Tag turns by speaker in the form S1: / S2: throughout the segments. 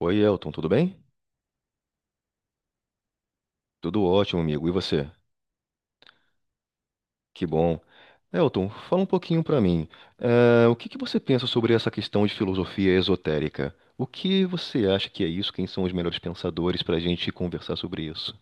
S1: Oi, Elton, tudo bem? Tudo ótimo, amigo. E você? Que bom. Elton, fala um pouquinho pra mim. O que que você pensa sobre essa questão de filosofia esotérica? O que você acha que é isso? Quem são os melhores pensadores pra gente conversar sobre isso?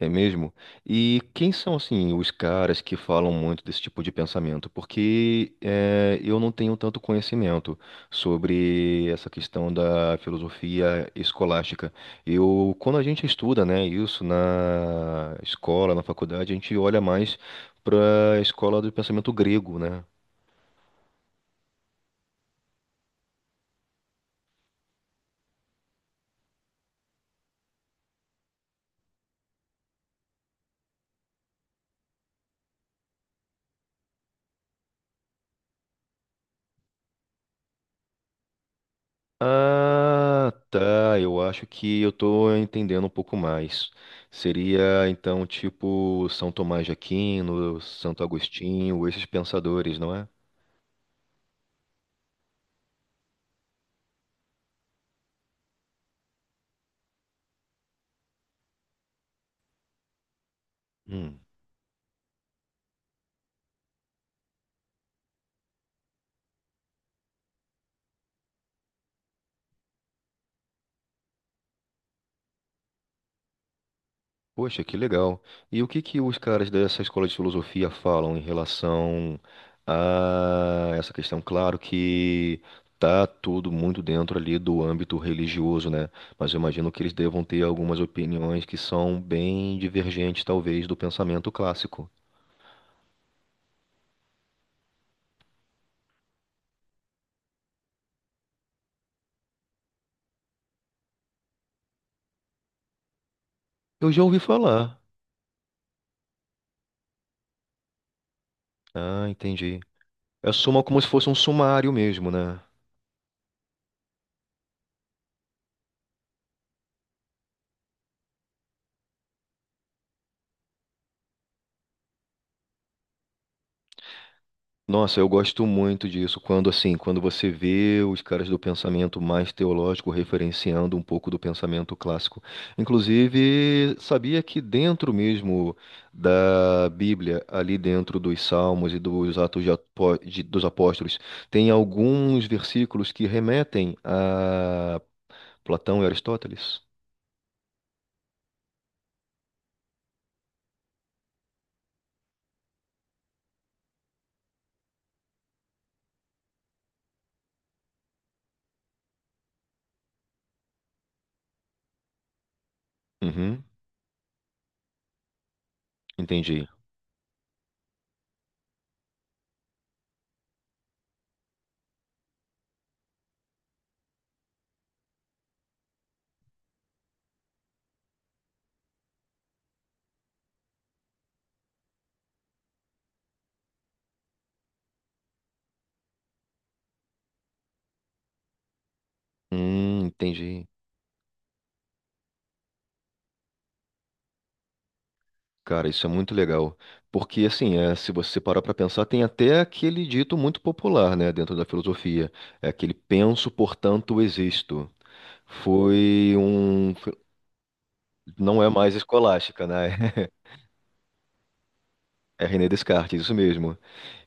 S1: É mesmo? E quem são, assim, os caras que falam muito desse tipo de pensamento? Porque eu não tenho tanto conhecimento sobre essa questão da filosofia escolástica. Eu, quando a gente estuda, né, isso na escola, na faculdade, a gente olha mais para a escola do pensamento grego, né? Ah, tá. Eu acho que eu tô entendendo um pouco mais. Seria então tipo São Tomás de Aquino, Santo Agostinho, esses pensadores, não é? Hum. Poxa, que legal. E o que que os caras dessa escola de filosofia falam em relação a essa questão? Claro que tá tudo muito dentro ali do âmbito religioso, né? Mas eu imagino que eles devam ter algumas opiniões que são bem divergentes, talvez, do pensamento clássico. Eu já ouvi falar. Ah, entendi. É soma como se fosse um sumário mesmo, né? Nossa, eu gosto muito disso, quando assim, quando você vê os caras do pensamento mais teológico referenciando um pouco do pensamento clássico. Inclusive, sabia que dentro mesmo da Bíblia, ali dentro dos Salmos e dos Atos de Apó- de- dos Apóstolos, tem alguns versículos que remetem a Platão e Aristóteles? Uhum, entendi. Entendi. Cara, isso é muito legal. Porque, assim, se você parar para pensar, tem até aquele dito muito popular, né, dentro da filosofia. É aquele penso, portanto, existo. Foi um. Não é mais escolástica, né? É René Descartes, isso mesmo.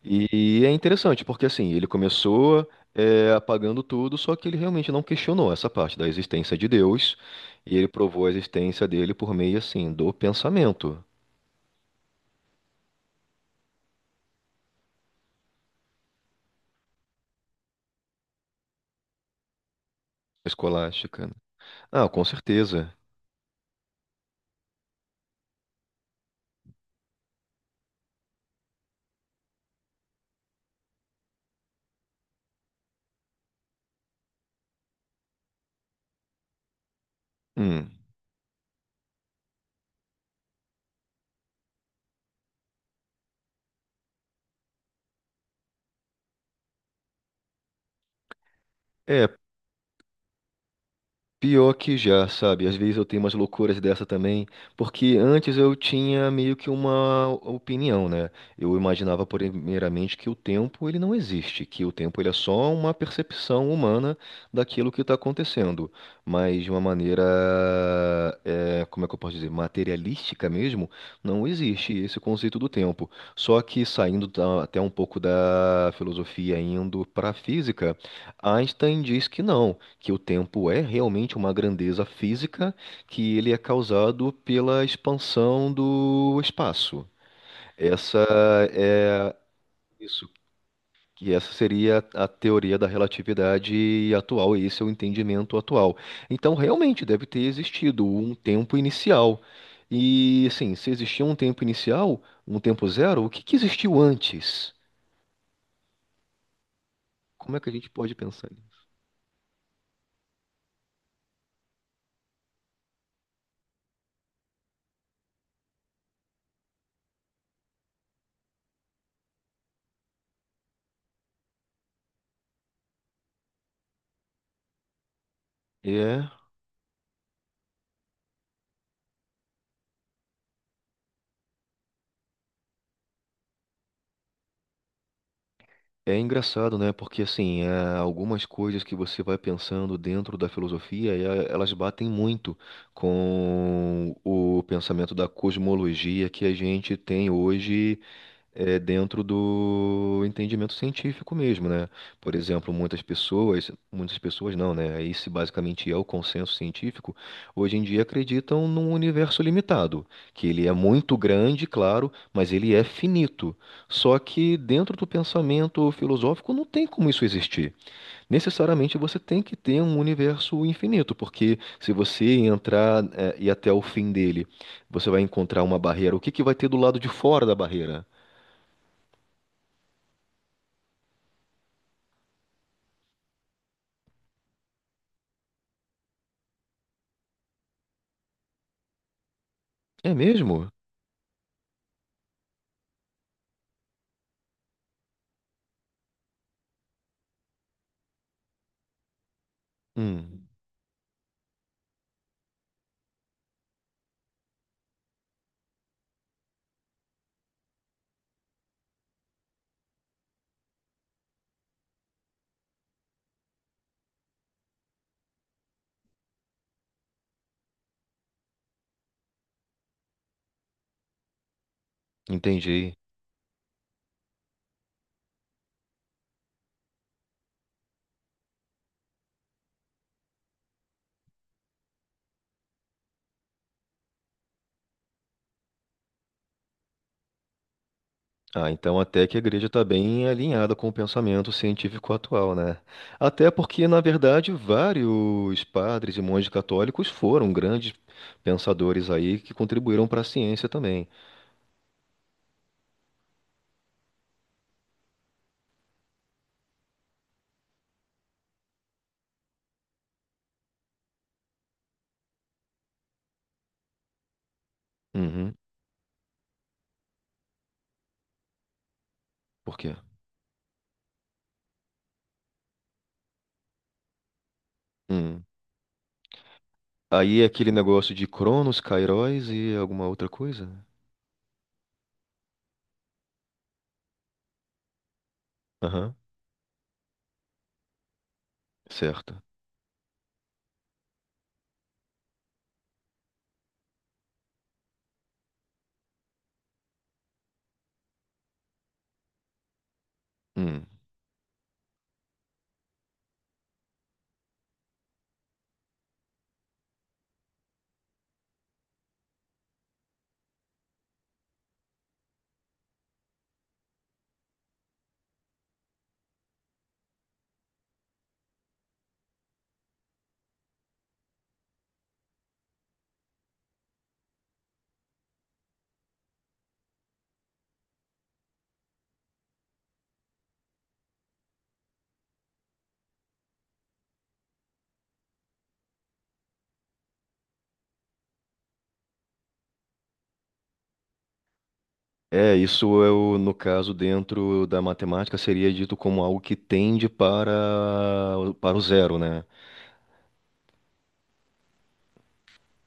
S1: E é interessante, porque, assim, ele começou. Apagando tudo, só que ele realmente não questionou essa parte da existência de Deus, e ele provou a existência dele por meio, assim, do pensamento escolástica. Ah, com certeza. Hum. É, Pior que já, sabe? Às vezes eu tenho umas loucuras dessa também, porque antes eu tinha meio que uma opinião, né? Eu imaginava primeiramente que o tempo ele não existe, que o tempo ele é só uma percepção humana daquilo que está acontecendo, mas de uma maneira, como é que eu posso dizer, materialística mesmo, não existe esse conceito do tempo. Só que saindo da- até um pouco da filosofia, indo para a física, Einstein diz que não que o tempo é realmente uma grandeza física, que ele é causado pela expansão do espaço. Essa é isso, que essa seria a teoria da relatividade atual, e esse é o entendimento atual. Então, realmente deve ter existido um tempo inicial. E assim, se existiu um tempo inicial, um tempo zero, o que que existiu antes? Como é que a gente pode pensar nisso? É. É engraçado, né? Porque assim, algumas coisas que você vai pensando dentro da filosofia, e a- elas batem muito com o pensamento da cosmologia que a gente tem hoje dentro do entendimento científico mesmo, né? Por exemplo, muitas pessoas não, né? Esse basicamente é o consenso científico, hoje em dia acreditam num universo limitado, que ele é muito grande, claro, mas ele é finito. Só que dentro do pensamento filosófico não tem como isso existir. Necessariamente você tem que ter um universo infinito, porque se você entrar, e até o fim dele, você vai encontrar uma barreira. O que que vai ter do lado de fora da barreira? É mesmo? Hum, entendi. Ah, então até que a igreja está bem alinhada com o pensamento científico atual, né? Até porque, na verdade, vários padres e monges católicos foram grandes pensadores aí que contribuíram para a ciência também. Uhum. Por quê? Hum. Aí é aquele negócio de Cronos, Kairos e alguma outra coisa? Aham, certo. Hum. É, isso é o, no caso, dentro da matemática, seria dito como algo que tende para, o- para o zero, né?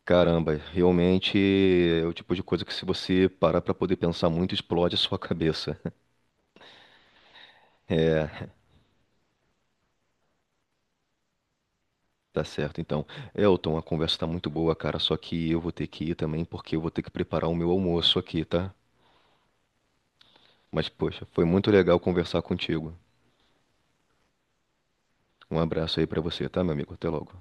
S1: Caramba, realmente é o tipo de coisa que se você parar para poder pensar muito, explode a sua cabeça. Tá certo, então. Elton, a conversa tá muito boa, cara, só que eu vou ter que ir também, porque eu vou ter que preparar o meu almoço aqui, tá? Mas, poxa, foi muito legal conversar contigo. Um abraço aí para você, tá, meu amigo? Até logo.